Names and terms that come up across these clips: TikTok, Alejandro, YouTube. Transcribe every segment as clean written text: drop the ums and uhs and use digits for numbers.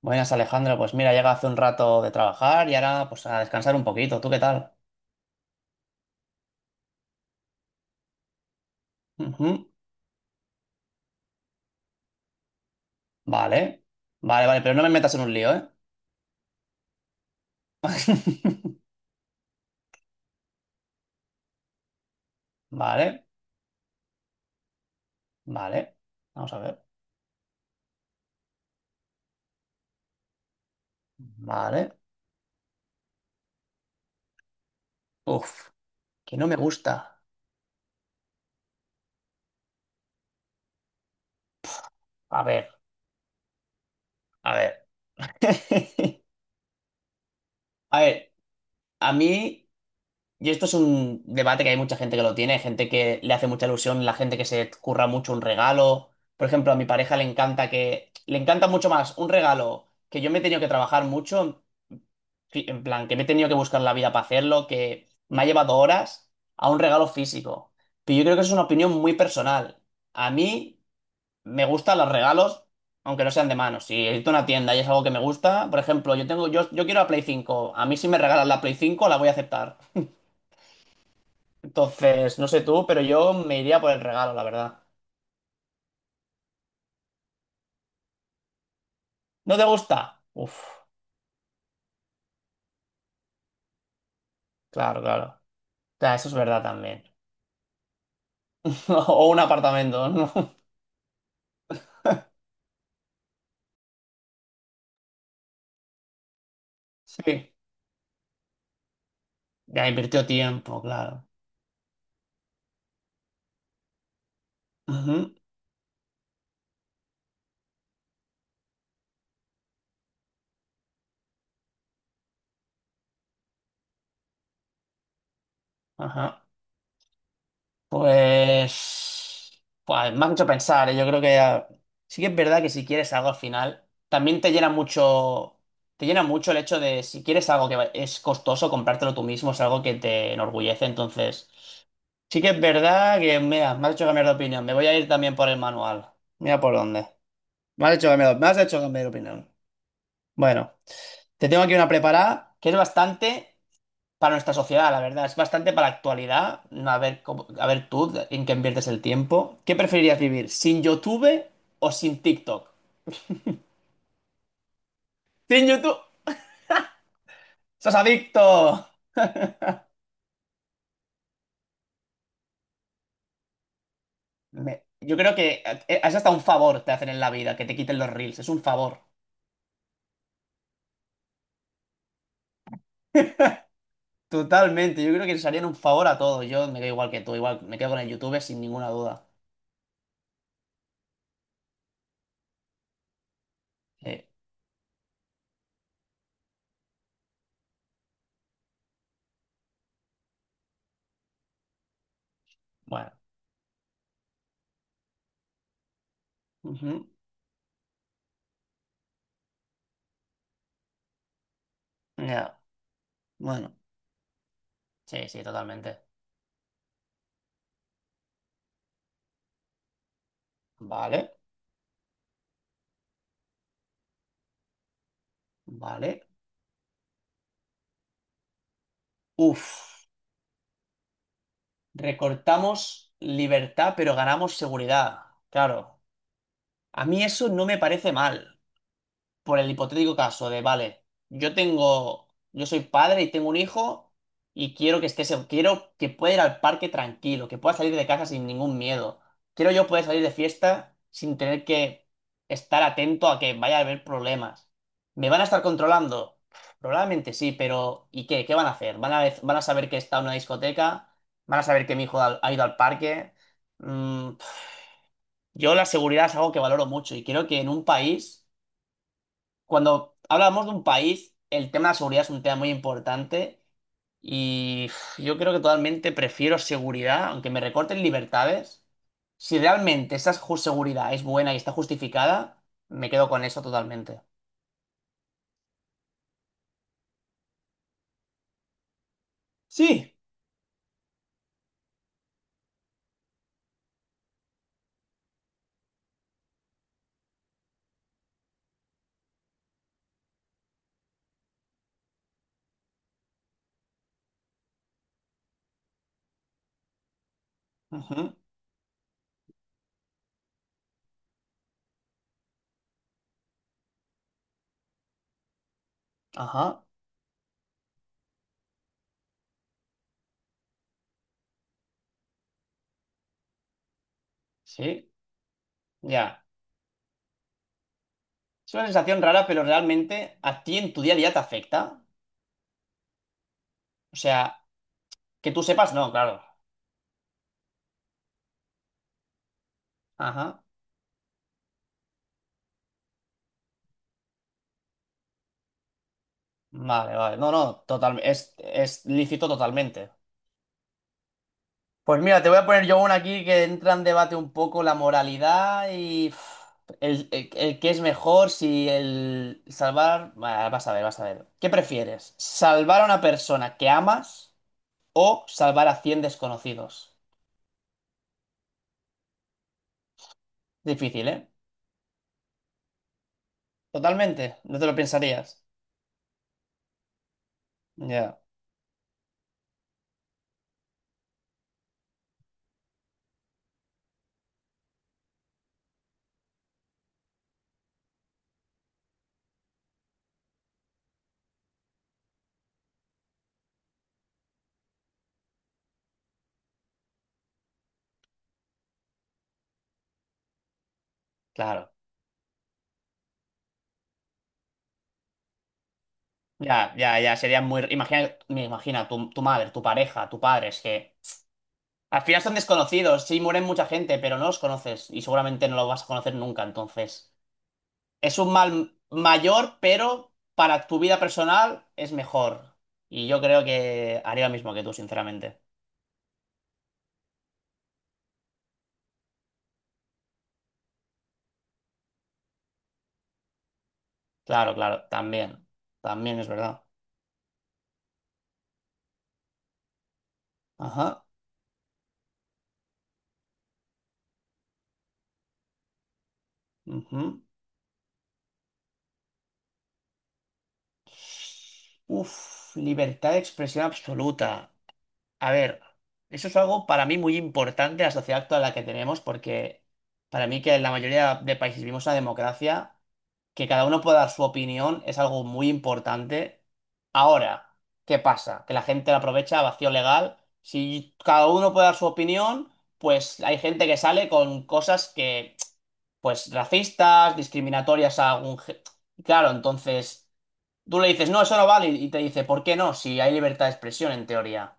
Buenas, Alejandro. Pues mira, llega hace un rato de trabajar y ahora pues a descansar un poquito. ¿Tú qué tal? Ujú. Vale. Vale, vale, pero no me metas en un lío, ¿eh? Vale, vale. Vamos a ver. Vale. Uf, que no me gusta. A ver, a ver. A ver, a mí, y esto es un debate que hay mucha gente que lo tiene, gente que le hace mucha ilusión, la gente que se curra mucho un regalo. Por ejemplo, a mi pareja le encanta mucho más un regalo que yo me he tenido que trabajar mucho. En plan, que me he tenido que buscar la vida para hacerlo, que me ha llevado horas a un regalo físico. Pero yo creo que eso es una opinión muy personal. A mí me gustan los regalos, aunque no sean de mano. Si he ido a una tienda y es algo que me gusta, por ejemplo, yo quiero la Play 5. A mí, si me regalan la Play 5, la voy a aceptar. Entonces, no sé tú, pero yo me iría por el regalo, la verdad. ¿No te gusta? Uf, claro, claro. Claro, eso es verdad también. O un apartamento, ¿no? Sí. Ya invirtió tiempo, claro. Ujú. Ajá. Pues me ha hecho pensar, ¿eh? Yo creo que sí que es verdad que, si quieres algo al final, también te llena mucho el hecho de, si quieres algo que es costoso, comprártelo tú mismo, es algo que te enorgullece. Entonces, sí que es verdad que mira, me has hecho cambiar de opinión. Me voy a ir también por el manual. Mira por dónde. Me has hecho cambiar, me has hecho cambiar de opinión. Bueno, te tengo aquí una preparada que es bastante para nuestra sociedad, la verdad. Es bastante para la actualidad. No, a ver, a ver tú en qué inviertes el tiempo. ¿Qué preferirías vivir? ¿Sin YouTube o sin TikTok? ¡Sin YouTube! ¡Sos adicto! Yo creo que es hasta un favor te hacen en la vida, que te quiten los reels. Es un favor. Totalmente. Yo creo que les harían un favor a todos. Yo me quedo igual que tú. Igual me quedo con el YouTube sin ninguna duda. Sí. Bueno. Ujú. Ya. Bueno. Sí, sí, totalmente. Vale. Vale. Uf. Recortamos libertad, pero ganamos seguridad. Claro, a mí eso no me parece mal por el hipotético caso de, vale, yo soy padre y tengo un hijo y quiero que pueda ir al parque tranquilo, que pueda salir de casa sin ningún miedo. Quiero yo poder salir de fiesta sin tener que estar atento a que vaya a haber problemas. ¿Me van a estar controlando? Probablemente sí, pero ¿y qué? ¿Qué van a hacer? ¿Van a saber que está en una discoteca? ¿Van a saber que mi hijo ha ido al parque? Mm, yo la seguridad es algo que valoro mucho y creo que en un país, cuando hablamos de un país, el tema de la seguridad es un tema muy importante y uf, yo creo que totalmente prefiero seguridad, aunque me recorten libertades. Si realmente esa seguridad es buena y está justificada, me quedo con eso totalmente. Sí. Ujú. Ajá. Sí. Ya. Es una sensación rara, pero realmente a ti en tu día a día te afecta. O sea, que tú sepas, no, claro. Ajá. Vale, vale. No, no, total, es, lícito totalmente. Pues mira, te voy a poner yo una aquí que entra en debate un poco la moralidad y uf, el qué es mejor si el salvar. Bah, vas a ver, vas a ver. ¿Qué prefieres? ¿Salvar a una persona que amas o salvar a 100 desconocidos? Difícil, ¿eh? Totalmente. No te lo pensarías. Ya, claro. Ya, ya, ya. Sería muy. Me imagina tu madre, tu pareja, tu padre. Es que al final son desconocidos. Sí, mueren mucha gente, pero no los conoces y seguramente no los vas a conocer nunca, entonces. Es un mal mayor, pero para tu vida personal es mejor. Y yo creo que haría lo mismo que tú, sinceramente. Claro, claro, también. También es verdad. Ajá. Ujú. Uf, libertad de expresión absoluta. A ver, eso es algo para mí muy importante a la sociedad actual en la que tenemos, porque para mí que, en la mayoría de países, vivimos una democracia que cada uno pueda dar su opinión es algo muy importante. Ahora, ¿qué pasa? Que la gente la aprovecha a vacío legal. Si cada uno puede dar su opinión, pues hay gente que sale con cosas que, pues, racistas, discriminatorias a algún. Claro, entonces tú le dices, no, eso no vale, y te dice, ¿por qué no? Si hay libertad de expresión en teoría.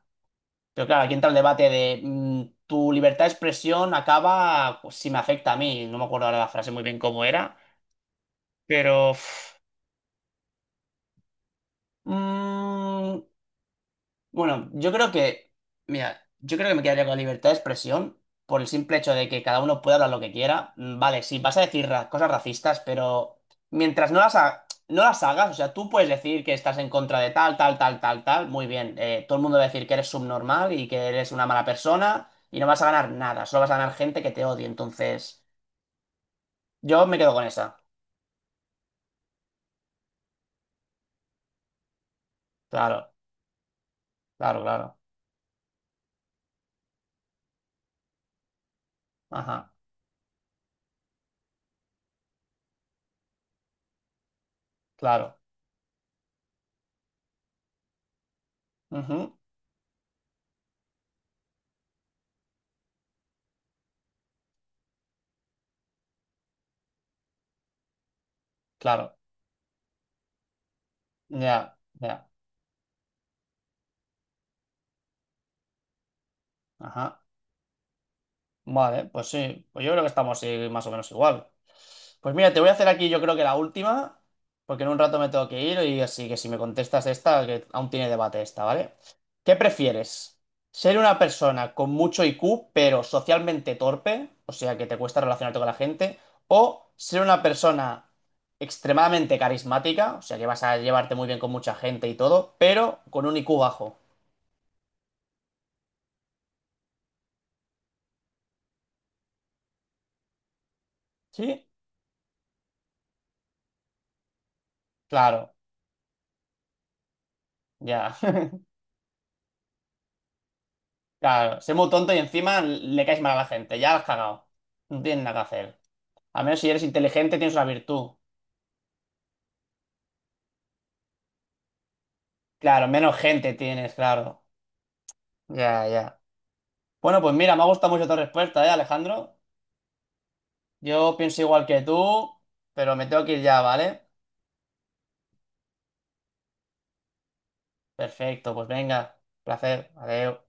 Pero claro, aquí entra el debate de tu libertad de expresión acaba pues, si me afecta a mí. No me acuerdo ahora la frase muy bien cómo era, pero. Mm, bueno, mira, yo creo que me quedaría con la libertad de expresión por el simple hecho de que cada uno puede hablar lo que quiera. Vale, sí, vas a decir cosas racistas, pero mientras no las hagas, o sea, tú puedes decir que estás en contra de tal, tal, tal, tal, tal, muy bien. Todo el mundo va a decir que eres subnormal y que eres una mala persona y no vas a ganar nada, solo vas a ganar gente que te odie. Entonces, yo me quedo con esa. Claro, claro, claro. Ajá, claro. Ujú, claro. Ya, ya. Ajá. Vale, pues sí, pues yo creo que estamos más o menos igual. Pues mira, te voy a hacer aquí yo creo que la última, porque en un rato me tengo que ir, y así que, si me contestas esta, que aún tiene debate esta, ¿vale? ¿Qué prefieres? ¿Ser una persona con mucho IQ pero socialmente torpe, o sea que te cuesta relacionarte con la gente, o ser una persona extremadamente carismática, o sea que vas a llevarte muy bien con mucha gente y todo, pero con un IQ bajo? ¿Sí? Claro, ya. Claro, sé muy tonto y encima le caes mal a la gente. Ya la has cagado. No tienes nada que hacer. A menos si eres inteligente, tienes una virtud. Claro, menos gente tienes, claro. Ya, ya. Bueno, pues mira, me ha gustado mucho tu respuesta, ¿eh, Alejandro? Yo pienso igual que tú, pero me tengo que ir ya, ¿vale? Perfecto, pues venga. Placer. Adiós.